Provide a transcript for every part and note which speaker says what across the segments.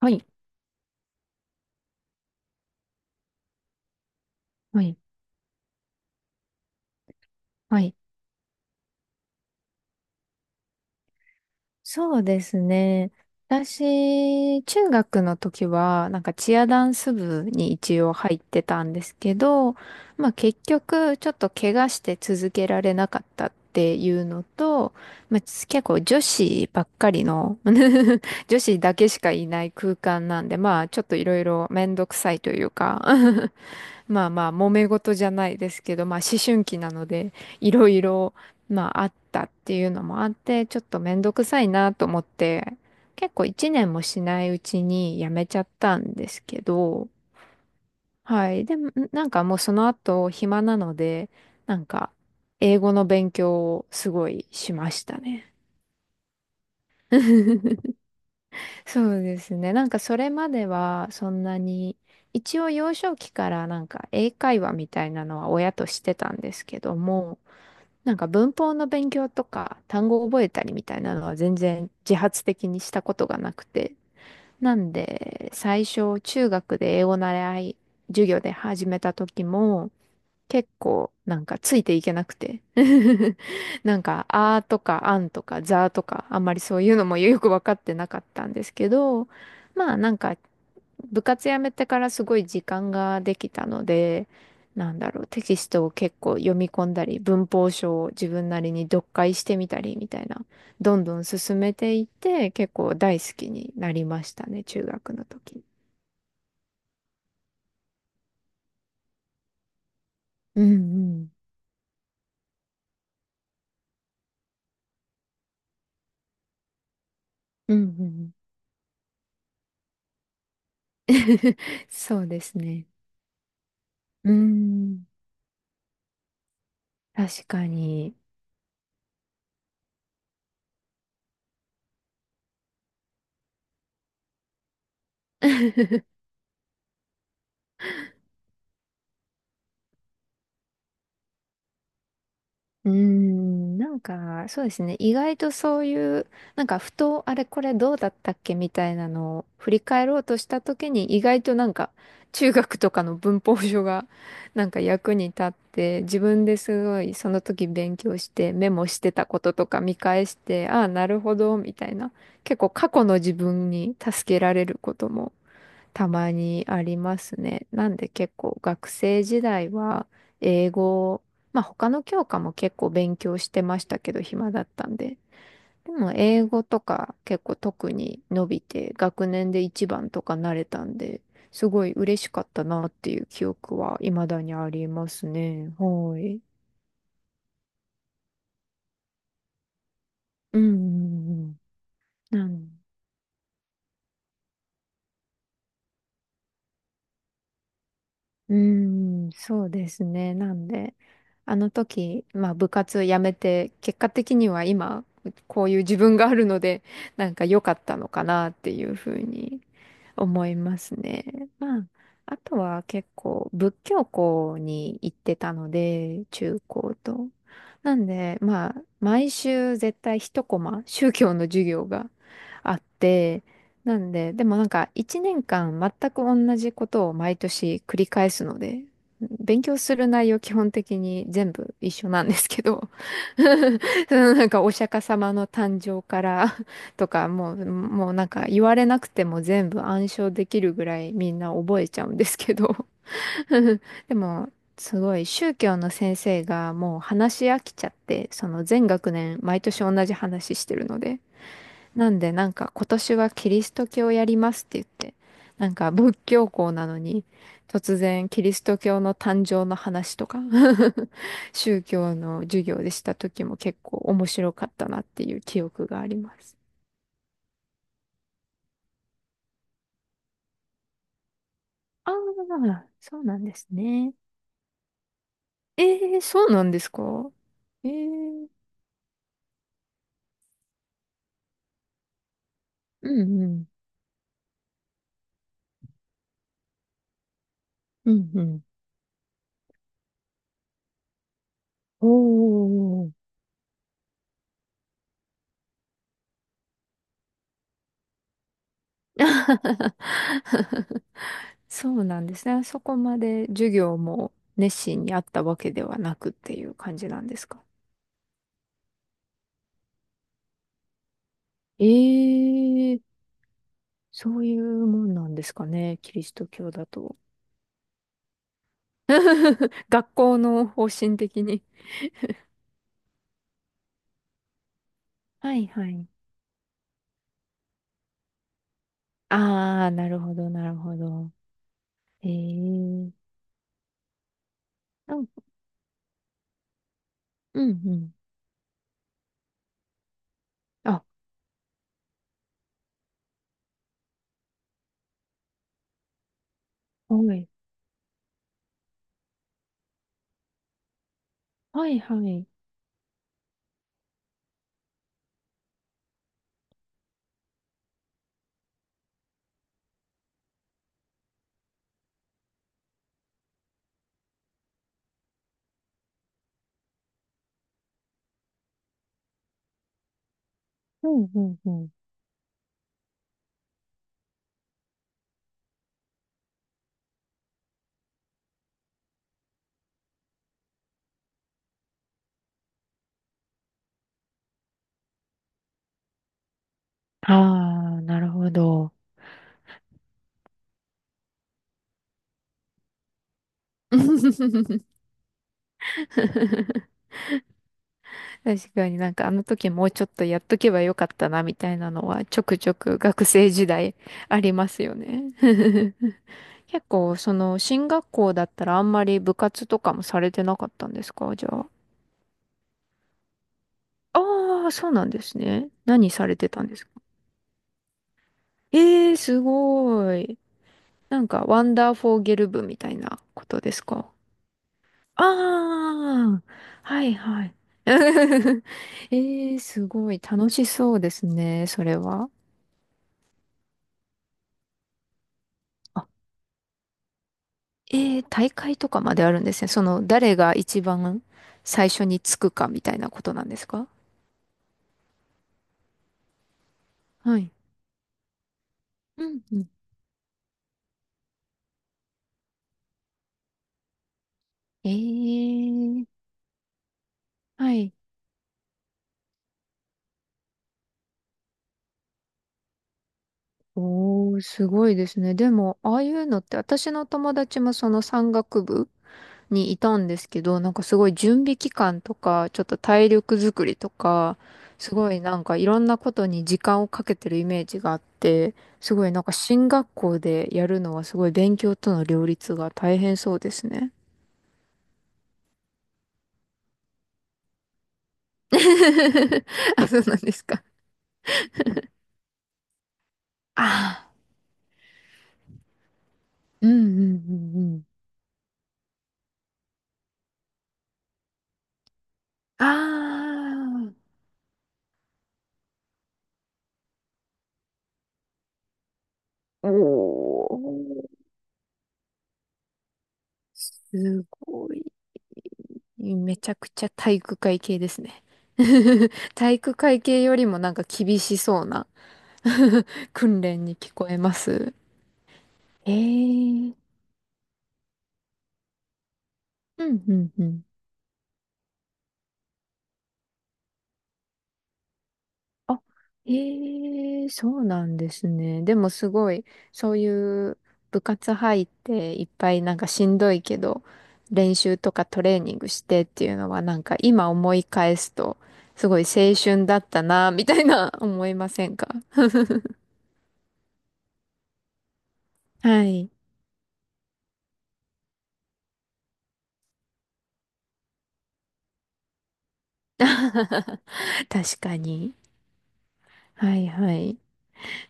Speaker 1: はい、はい、はい。そうですね。私、中学の時は、なんかチアダンス部に一応入ってたんですけど、まあ結局、ちょっと怪我して続けられなかったっていうのと、まあ結構女子ばっかりの 女子だけしかいない空間なんで、まあちょっといろいろめんどくさいというか まあまあ、揉め事じゃないですけど、まあ思春期なので、いろいろ、まああったっていうのもあって、ちょっとめんどくさいなと思って、結構一年もしないうちに辞めちゃったんですけど、はい。でも、なんかもうその後暇なので、なんか英語の勉強をすごいしましたね。そうですね。なんかそれまではそんなに、一応幼少期からなんか英会話みたいなのは親としてたんですけども、なんか文法の勉強とか単語を覚えたりみたいなのは全然自発的にしたことがなくて。なんで最初中学で英語習い授業で始めた時も結構なんかついていけなくて なんか「あ」とか「あん」とか「ざ」とかあんまりそういうのもよく分かってなかったんですけど、まあなんか部活辞めてからすごい時間ができたので、なんだろう、テキストを結構読み込んだり文法書を自分なりに読解してみたりみたいな、どんどん進めていって結構大好きになりましたね、中学の時。うんうん。うんうん。そうですね。うーん、確かに。うーん、なんか、そうですね。意外とそういう、なんか、ふと、あれ、これどうだったっけみたいなのを振り返ろうとしたときに、意外となんか、中学とかの文法書が、なんか役に立って、自分ですごい、その時勉強して、メモしてたこととか見返して、ああ、なるほど、みたいな。結構、過去の自分に助けられることもたまにありますね。なんで結構学生時代は英語、まあ他の教科も結構勉強してましたけど暇だったんで。でも英語とか結構特に伸びて学年で一番とかなれたんで、すごい嬉しかったなっていう記憶は未だにありますね。はい。うんうんうん。なんうーん、そうですね。なんで、あの時、まあ部活辞めて、結果的には今、こういう自分があるので、なんか良かったのかなっていうふうに思いますね。まあ、あとは結構仏教校に行ってたので、中高と。なんで、まあ、毎週絶対一コマ、宗教の授業があって、なんで、でもなんか一年間全く同じことを毎年繰り返すので、勉強する内容基本的に全部一緒なんですけど、そのなんかお釈迦様の誕生から とか、もうなんか言われなくても全部暗唱できるぐらいみんな覚えちゃうんですけど、でも、すごい宗教の先生がもう話し飽きちゃって、その全学年毎年同じ話してるので、なんでなんか今年はキリスト教やりますって言って、なんか仏教校なのに突然キリスト教の誕生の話とか 宗教の授業でした時も結構面白かったなっていう記憶があります。ああ、そうなんですね。ええ、そうなんですか？ええ、うんうん、うんうん。おお、そうなんですね。そこまで授業も熱心にあったわけではなくっていう感じなんですか？ええ、そういうもんなんですかね、キリスト教だと。学校の方針的に。はいはい。ああ、なるほど、なるほど。ええ、なん、うんうん。あ、はい。はいはい。うんうんうん。ああ、なるほど。確かになんかあの時もうちょっとやっとけばよかったなみたいなのはちょくちょく学生時代 ありますよね。結構その進学校だったらあんまり部活とかもされてなかったんですか、じゃあ。ああ、そうなんですね。何されてたんですか？ええー、すごい。なんかワンダーフォーゲル部みたいなことですか？ああ、はいはい。ええー、すごい楽しそうですね、それは。えー、大会とかまであるんですね。その、誰が一番最初につくかみたいなことなんですか？はい。うんうん。えー、はい。おー、すごいですね。でも、ああいうのって、私の友達もその山岳部にいたんですけど、なんかすごい準備期間とか、ちょっと体力作りとか、すごいなんかいろんなことに時間をかけてるイメージがあって、すごいなんか進学校でやるのはすごい勉強との両立が大変そうですね。あ、そうなんですか。ああ、うんうんうんうん。あ、あ、おー、すごい。めちゃくちゃ体育会系ですね。体育会系よりもなんか厳しそうな 訓練に聞こえます。ええ、うんうんうん。あ、へえ、そうなんですね。でもすごい、そういう部活入っていっぱいなんかしんどいけど、練習とかトレーニングしてっていうのはなんか今思い返すと、すごい青春だったな、みたいな 思いませんか？はい。確かに。はいはい。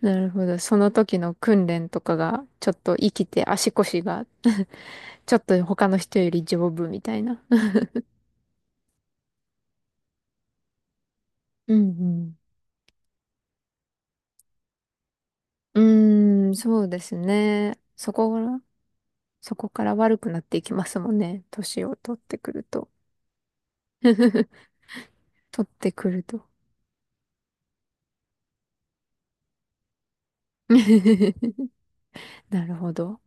Speaker 1: なるほど。その時の訓練とかが、ちょっと生きて足腰が、ちょっと他の人より丈夫みたいな。うんうん。うーん、そうですね。そこから、そこから悪くなっていきますもんね。年を取ってくると。取ってくると。なるほど。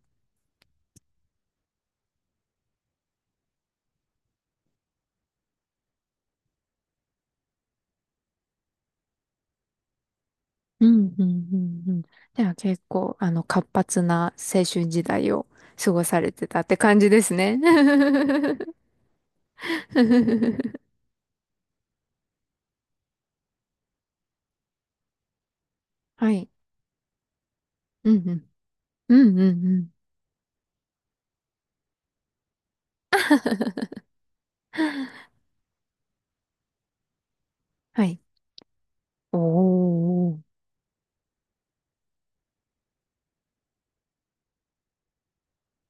Speaker 1: うん、うん、うん、うん。では結構、あの、活発な青春時代を過ごされてたって感じですね。はい。うん、うん。うん、うん、うん。はい。おー。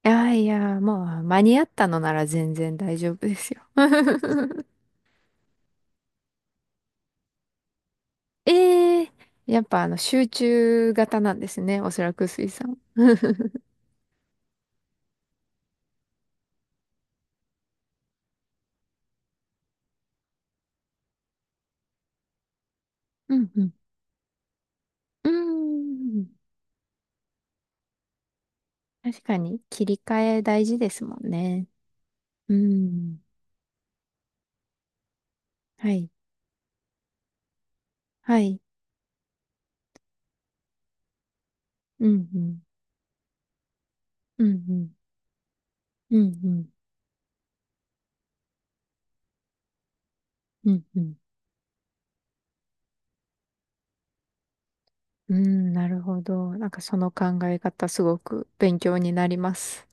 Speaker 1: いやいや、もう間に合ったのなら全然大丈夫ですよ。ええ、やっぱあの集中型なんですね。おそらく水さん。うんうん。うーん。確かに切り替え大事ですもんね。うん。はい。はい。うんうん。うんうん。うんうん。うんうん。うん、なるほど。なんかその考え方すごく勉強になります。